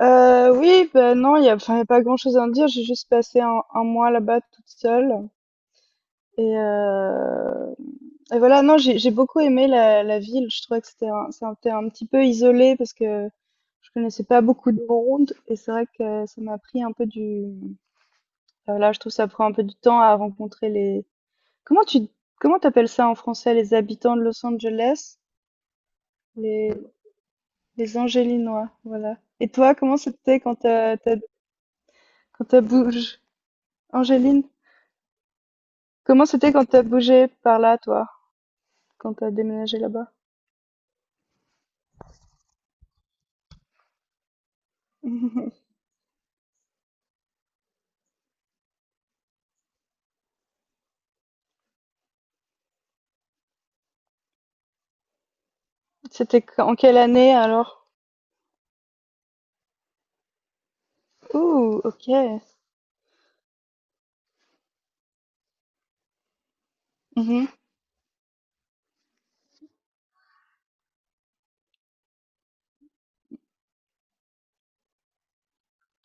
Oui, ben non, il y a pas grand-chose à en dire. J'ai juste passé un mois là-bas toute seule et heu et voilà, non, j'ai beaucoup aimé la ville. Je trouvais que c'était un petit peu isolé parce que je connaissais pas beaucoup de monde, et c'est vrai que ça m'a pris un peu voilà, je trouve que ça prend un peu du temps à rencontrer les comment tu comment t'appelles ça en français? Les habitants de Los Angeles? Les les Angélinois, voilà. Et toi, comment c'était quand tu as bougé, Angéline? Comment c'était quand t'as bougé par là, toi? Quand t'as déménagé là-bas? Mhm. C'était en quelle année alors? Ouh, ok. Mhm.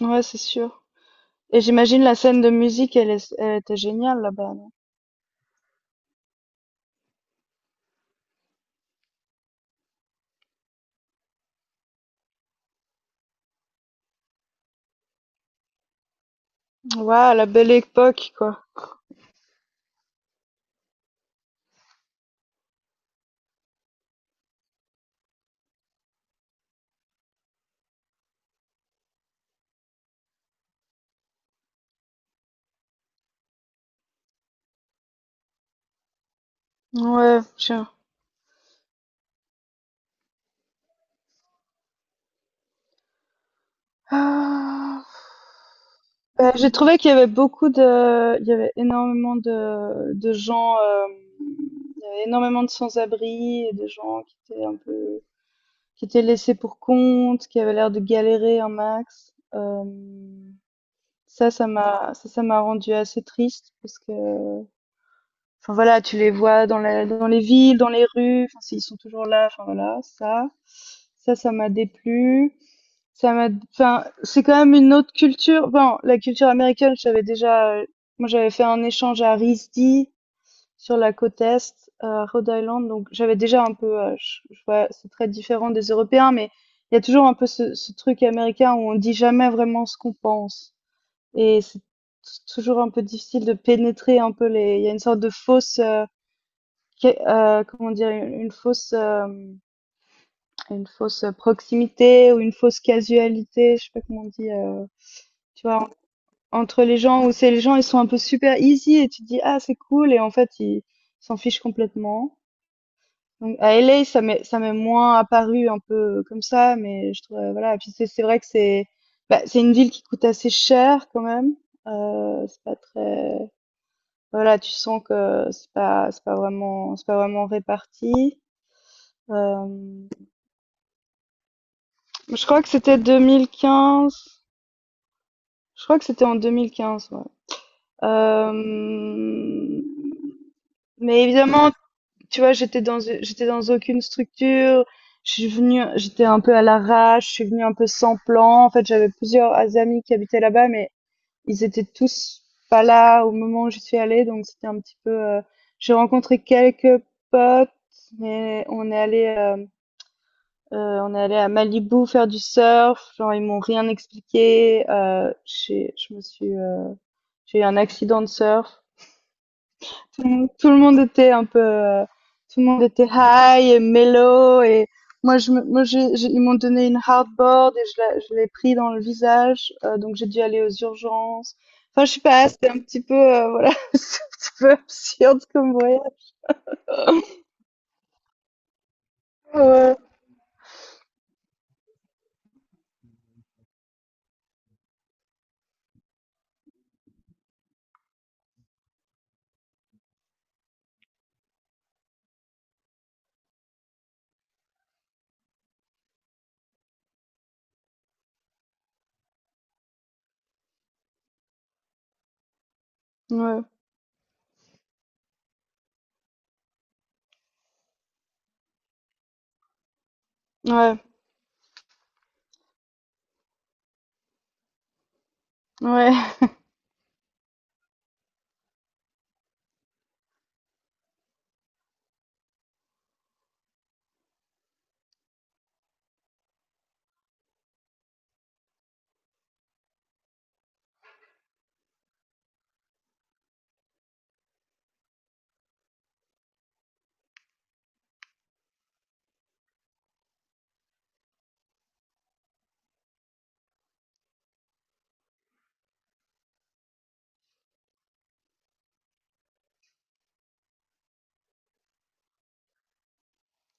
Ouais, c'est sûr. Et j'imagine la scène de musique, elle était géniale là-bas. Non Ouais, la belle époque, quoi. Ouais, tiens. Ah. Bah, j'ai trouvé qu'il y avait il y avait énormément de gens, il y avait énormément de sans-abri et de gens qui étaient un peu, qui était laissé pour compte, qui avait l'air de galérer un max. Euh, ça m'a rendu assez triste parce que, enfin voilà, tu les vois dans les villes, dans les rues, enfin, ils sont toujours là, enfin voilà, ça m'a déplu. C'est quand même une autre culture. Bon, la culture américaine, j'avais déjà, moi, j'avais fait un échange à RISD, sur la côte est, Rhode Island, donc j'avais déjà un peu, je vois c'est très différent des Européens, mais il y a toujours un peu ce truc américain où on dit jamais vraiment ce qu'on pense, et c'est t toujours un peu difficile de pénétrer un peu les il y a une sorte de fausse, qué comment dire? Une fausse, une fausse proximité, ou une fausse casualité, je sais pas comment on dit, tu vois? En Entre les gens, où c'est les gens, ils sont un peu super easy et tu te dis: «Ah, c'est cool», et en fait, ils s'en fichent complètement. Donc à LA, ça m'est moins apparu un peu comme ça, mais je trouve, voilà. Et puis c'est vrai que c'est une ville qui coûte assez cher quand même. C'est pas très voilà, Tu sens que c'est pas vraiment réparti. Euh, je crois que c'était 2015. Je crois que c'était en 2015, ouais. Euh, mais évidemment, tu vois, j'étais dans aucune structure. Je suis venue, j'étais un peu à l'arrache, je suis venue un peu sans plan. En fait, j'avais plusieurs amis qui habitaient là-bas, mais ils étaient tous pas là au moment où je suis allée, donc c'était un petit peu. J'ai rencontré quelques potes, mais on est allé à Malibu faire du surf. Genre, ils m'ont rien expliqué. J'ai eu un accident de surf. Tout le monde était un peu, tout le monde était high et mellow, et moi je, me- moi j'ai- ils m'ont donné une hardboard et je l'ai pris dans le visage, donc j'ai dû aller aux urgences. Enfin je sais pas, c'était un petit peu, voilà, c'est un petit peu absurde comme voyage. Ouais, ouais, ouais, ouais,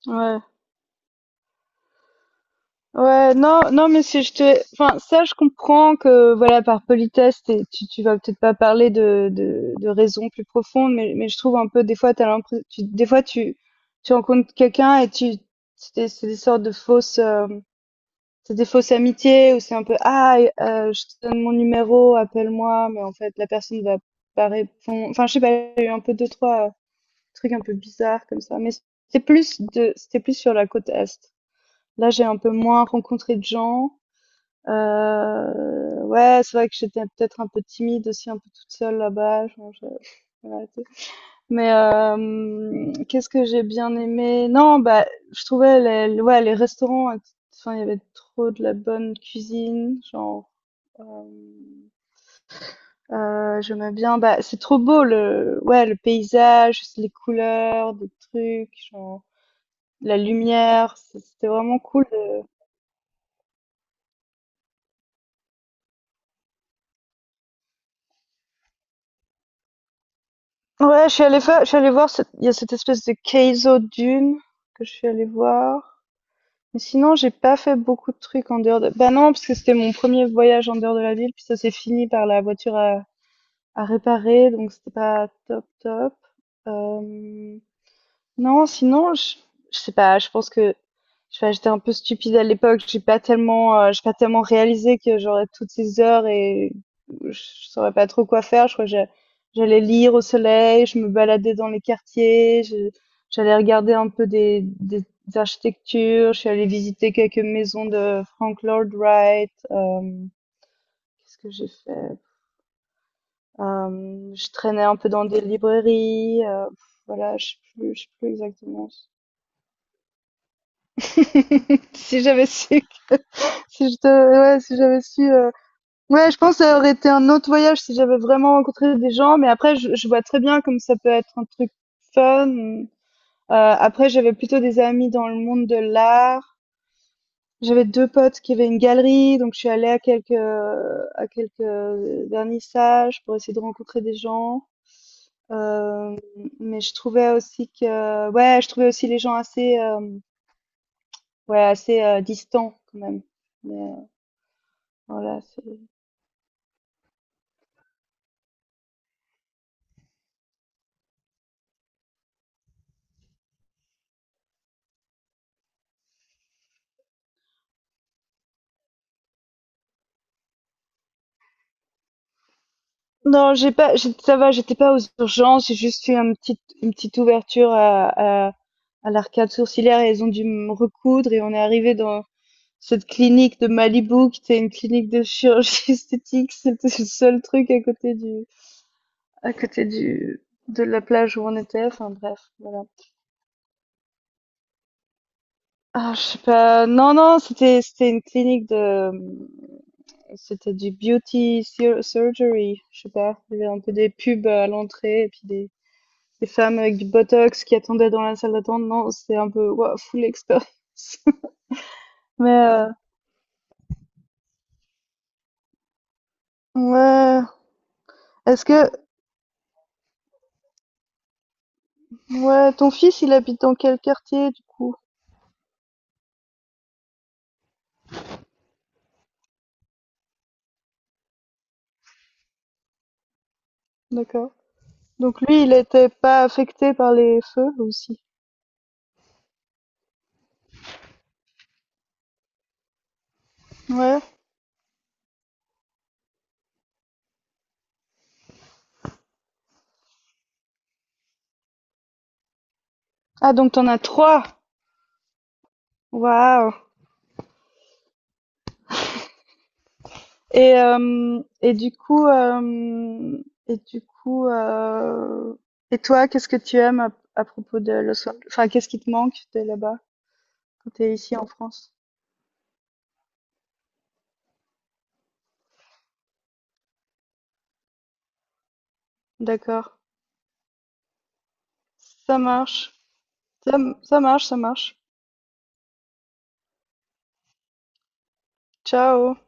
ouais. Ouais, non, non, mais si je te, enfin, ça, je comprends que, voilà, par politesse, tu, tu vas peut-être pas parler de raisons plus profondes, mais je trouve un peu, des fois, t'as l'impression, des fois, tu rencontres quelqu'un et c'est des sortes de fausses, c'est des fausses amitiés où c'est un peu, ah, je te donne mon numéro, appelle-moi, mais en fait, la personne va pas répondre. Enfin, je sais pas, il y a eu un peu deux, trois trucs un peu bizarres comme ça, mais c'était plus sur la côte Est. Là, j'ai un peu moins rencontré de gens. Ouais, c'est vrai que j'étais peut-être un peu timide aussi, un peu toute seule là-bas, je vais arrêter. Mais qu'est-ce que j'ai bien aimé? Non, bah, je trouvais les ouais, les restaurants il y avait trop de la bonne cuisine, genre, hem, j'aimais bien, bah, c'est trop beau le ouais, le paysage, les couleurs, des trucs, genre la lumière, c'était vraiment cool. Ouais, je suis allée voir cette, il y a cette espèce de Keizo Dune que je suis allée voir. Mais sinon, j'ai pas fait beaucoup de trucs en dehors de, bah non, parce que c'était mon premier voyage en dehors de la ville, puis ça s'est fini par la voiture à réparer, donc c'était pas top top. Hem Non, sinon, je sais pas, j'étais un peu stupide à l'époque. J'ai pas tellement réalisé que j'aurais toutes ces heures et je saurais pas trop quoi faire. Je crois que j'allais lire au soleil, je me baladais dans les quartiers, j'allais regarder un peu des architectures, je suis allée visiter quelques maisons de Frank Lloyd Wright. Qu'est-ce que j'ai fait? Je traînais un peu dans des librairies. Voilà, je sais plus exactement. si j'avais su, si je te- Ouais, si j'avais su, ouais, je pense que ça aurait été un autre voyage si j'avais vraiment rencontré des gens. Mais après, je vois très bien comme ça peut être un truc fun. Après, j'avais plutôt des amis dans le monde de l'art. J'avais deux potes qui avaient une galerie, donc je suis allée à quelques vernissages pour essayer de rencontrer des gens. Euh, mais je trouvais aussi que, ouais, je trouvais aussi les gens assez, ouais, assez distants quand même. Mais voilà. Non, j'ai pas j'ai ça va, j'étais pas aux urgences, j'ai juste fait un petit une petite ouverture à l'arcade sourcilière, et elles ont dû me recoudre, et on est arrivé dans cette clinique de Malibu, qui était une clinique de chirurgie esthétique. C'était le seul truc à côté du, à côté du de la plage où on était, enfin bref, voilà. Ah, je sais pas. Non, non, c'était une clinique de, c'était du beauty surgery, je sais pas, il y avait un peu des pubs à l'entrée, et puis des femmes avec du botox qui attendaient dans la salle d'attente. Non, c'était un peu wow, full expérience. Mais ouais. Est-ce que Ouais, ton fils, il habite dans quel quartier du coup? D'accord. Donc lui, il n'était pas affecté par les feux aussi. Ouais. Ah, donc t'en as trois. Waouh. Et du coup et du coup et toi, qu'est-ce que tu aimes à propos de Los Angeles? Enfin, qu'est-ce qui te manque de là-bas quand t'es ici en France? D'accord. Ça marche. Ça, Ça marche, ça marche. Ciao.